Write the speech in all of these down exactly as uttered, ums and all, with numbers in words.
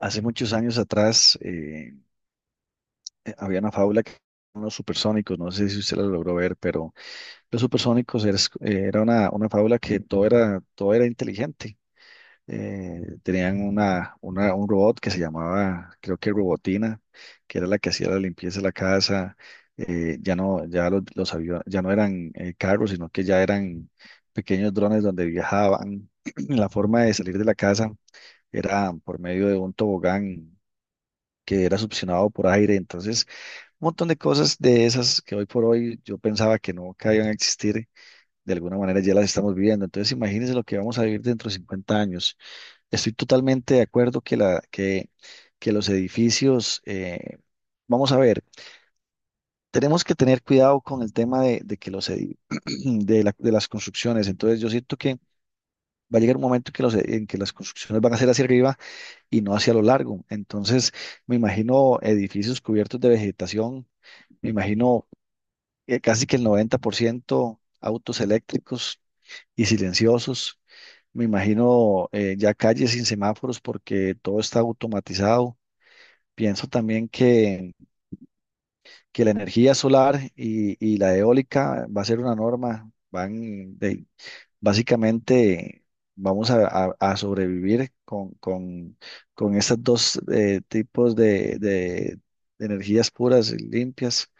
Hace muchos años atrás eh, eh, había una fábula que los supersónicos, no sé si usted la logró ver, pero los supersónicos eres- eh, era una, una fábula que todo era, todo era inteligente. Eh, tenían una, una- un robot que se llamaba, creo que Robotina, que era la que hacía la limpieza de la casa. Eh, ya no, Ya los, los aviones, ya no eran eh, carros, sino que ya eran pequeños drones donde viajaban. La forma de salir de la casa era por medio de un tobogán que era succionado por aire. Entonces, un montón de cosas de esas que hoy por hoy yo pensaba que no que iban a existir, de alguna manera ya las estamos viviendo. Entonces, imagínense lo que vamos a vivir dentro de cincuenta años. Estoy totalmente de acuerdo que, la, que, que los edificios, eh, vamos a ver, tenemos que tener cuidado con el tema de, de que los edi- de, la- de las construcciones. Entonces, yo siento que va a llegar un momento que los, en que las construcciones van a ser hacia arriba y no hacia lo largo. Entonces, me imagino edificios cubiertos de vegetación. Me imagino eh, casi que el noventa por ciento autos eléctricos y silenciosos. Me imagino eh, ya calles sin semáforos porque todo está automatizado. Pienso también que, que la energía solar y, y la eólica va a ser una norma. Van de, básicamente vamos a, a- a sobrevivir con, con, con estos dos eh, tipos de, de de energías puras y limpias.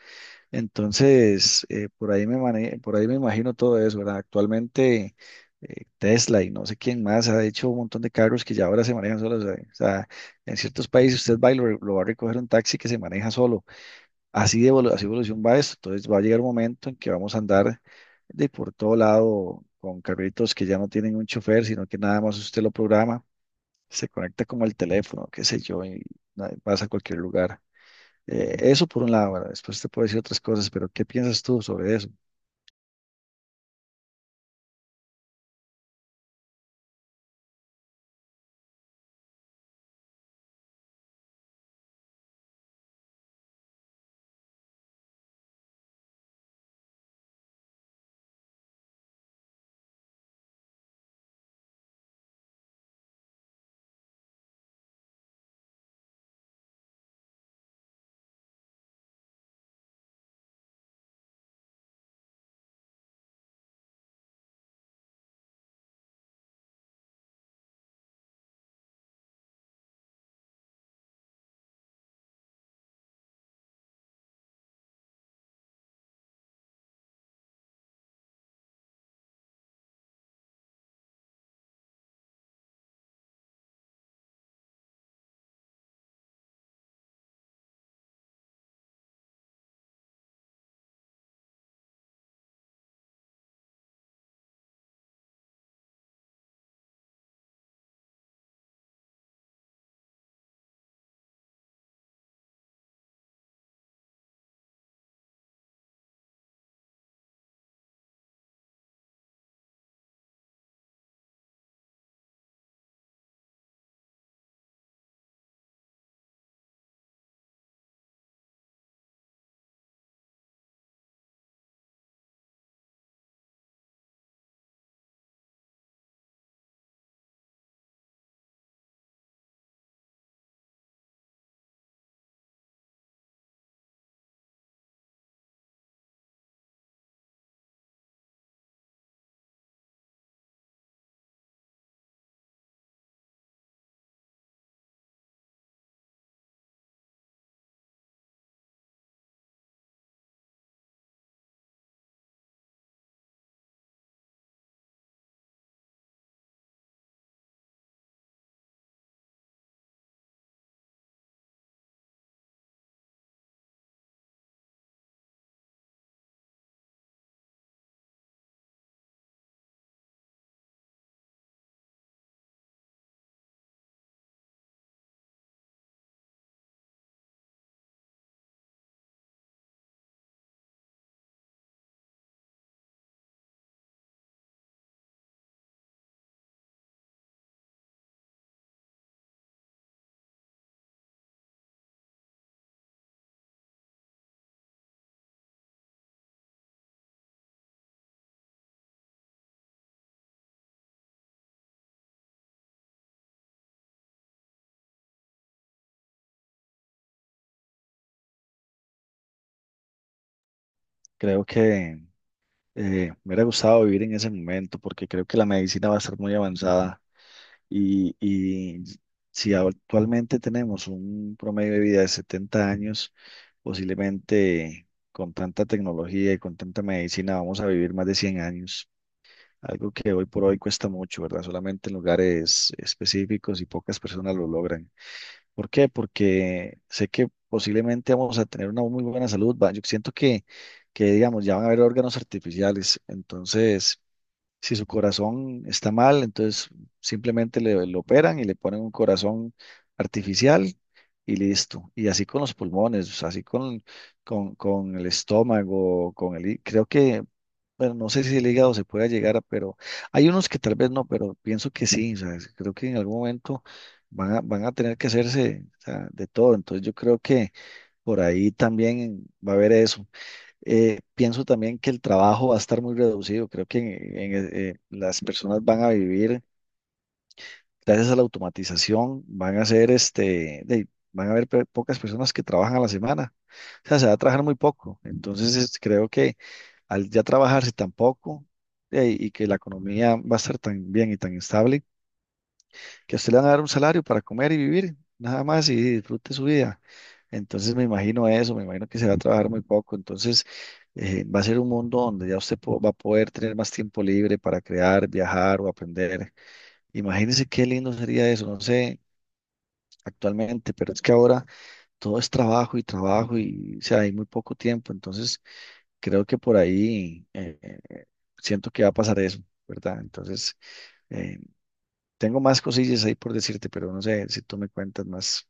Entonces, eh, por ahí me mane- por ahí me imagino todo eso, ¿verdad? Actualmente eh, Tesla y no sé quién más ha hecho un montón de carros que ya ahora se manejan solos. ¿Sabe? O sea, en ciertos países usted va y lo, lo va a recoger un taxi que se maneja solo. Así de evolu- así evolución va esto. Entonces va a llegar un momento en que vamos a andar de por todo lado con carritos que ya no tienen un chofer, sino que nada más usted lo programa, se conecta como el teléfono, qué sé yo, y na- vas a cualquier lugar. Eh, eso por un lado, ¿verdad? Después te puedo decir otras cosas, pero ¿qué piensas tú sobre eso? Creo que eh, me hubiera gustado vivir en ese momento porque creo que la medicina va a estar muy avanzada y, y si actualmente tenemos un promedio de vida de setenta años, posiblemente con tanta tecnología y con tanta medicina vamos a vivir más de cien años. Algo que hoy por hoy cuesta mucho, ¿verdad? Solamente en lugares específicos y pocas personas lo logran. ¿Por qué? Porque sé que posiblemente vamos a tener una muy buena salud. va, Yo siento que, que, digamos, ya van a haber órganos artificiales. Entonces, si su corazón está mal, entonces simplemente le, lo operan y le ponen un corazón artificial y listo. Y así con los pulmones, así con, con, con el estómago, con el... hí- Creo que bueno, no sé si el hígado se pueda llegar a, pero hay unos que tal vez no, pero pienso que sí, o sea, creo que en algún momento van a, van a tener que hacerse, o sea, de todo, entonces yo creo que por ahí también va a haber eso. Eh, pienso también que el trabajo va a estar muy reducido, creo que en- en, eh, las personas van a vivir gracias a la automatización van a ser este, de- van a haber pe- pocas personas que trabajan a la semana. O sea, se va a trabajar muy poco. Entonces, es- creo que al ya trabajarse tan poco eh, y que la economía va a estar tan bien y tan estable, que a usted le van a dar un salario para comer y vivir, nada más y disfrute su vida. Entonces, me imagino eso, me imagino que se va a trabajar muy poco. Entonces, eh, va a ser un mundo donde ya usted po- va a poder tener más tiempo libre para crear, viajar o aprender. Imagínense qué lindo sería eso. No sé, actualmente, pero es que ahora todo es trabajo y trabajo y, o sea, hay muy poco tiempo, entonces creo que por ahí eh, siento que va a pasar eso, ¿verdad? Entonces, eh, tengo más cosillas ahí por decirte, pero no sé si tú me cuentas más.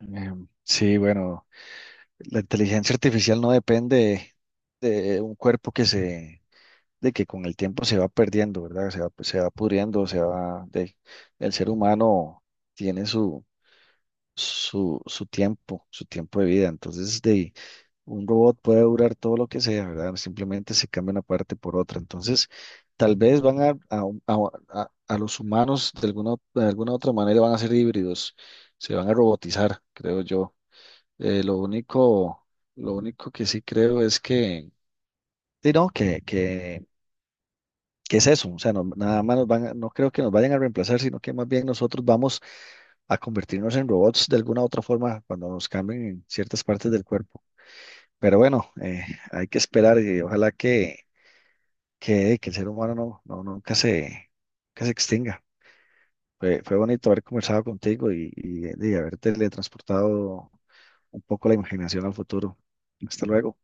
Em, sí, bueno, la inteligencia artificial no depende de un cuerpo que se, de que con el tiempo se va perdiendo, ¿verdad? Se va, pues, se va pudriendo, se va, de, el ser humano tiene su... Su, su tiempo, su tiempo de vida. Entonces, de, un robot puede durar todo lo que sea, ¿verdad? Simplemente se cambia una parte por otra. Entonces, tal vez van a, a, a- a- a los humanos de alguna, de alguna otra manera van a ser híbridos, se van a robotizar, creo yo. Eh, lo único, lo único que sí creo es que, sí, no, que, que, que es eso. O sea, no, nada más nos van a- no creo que nos vayan a reemplazar, sino que más bien nosotros vamos a convertirnos en robots de alguna otra forma cuando nos cambien en ciertas partes del cuerpo. Pero bueno, eh, hay que esperar y ojalá que, que, que el ser humano no, no, nunca se, que se extinga. Fue, fue bonito haber conversado contigo y, y, y haber teletransportado un poco la imaginación al futuro. Hasta luego.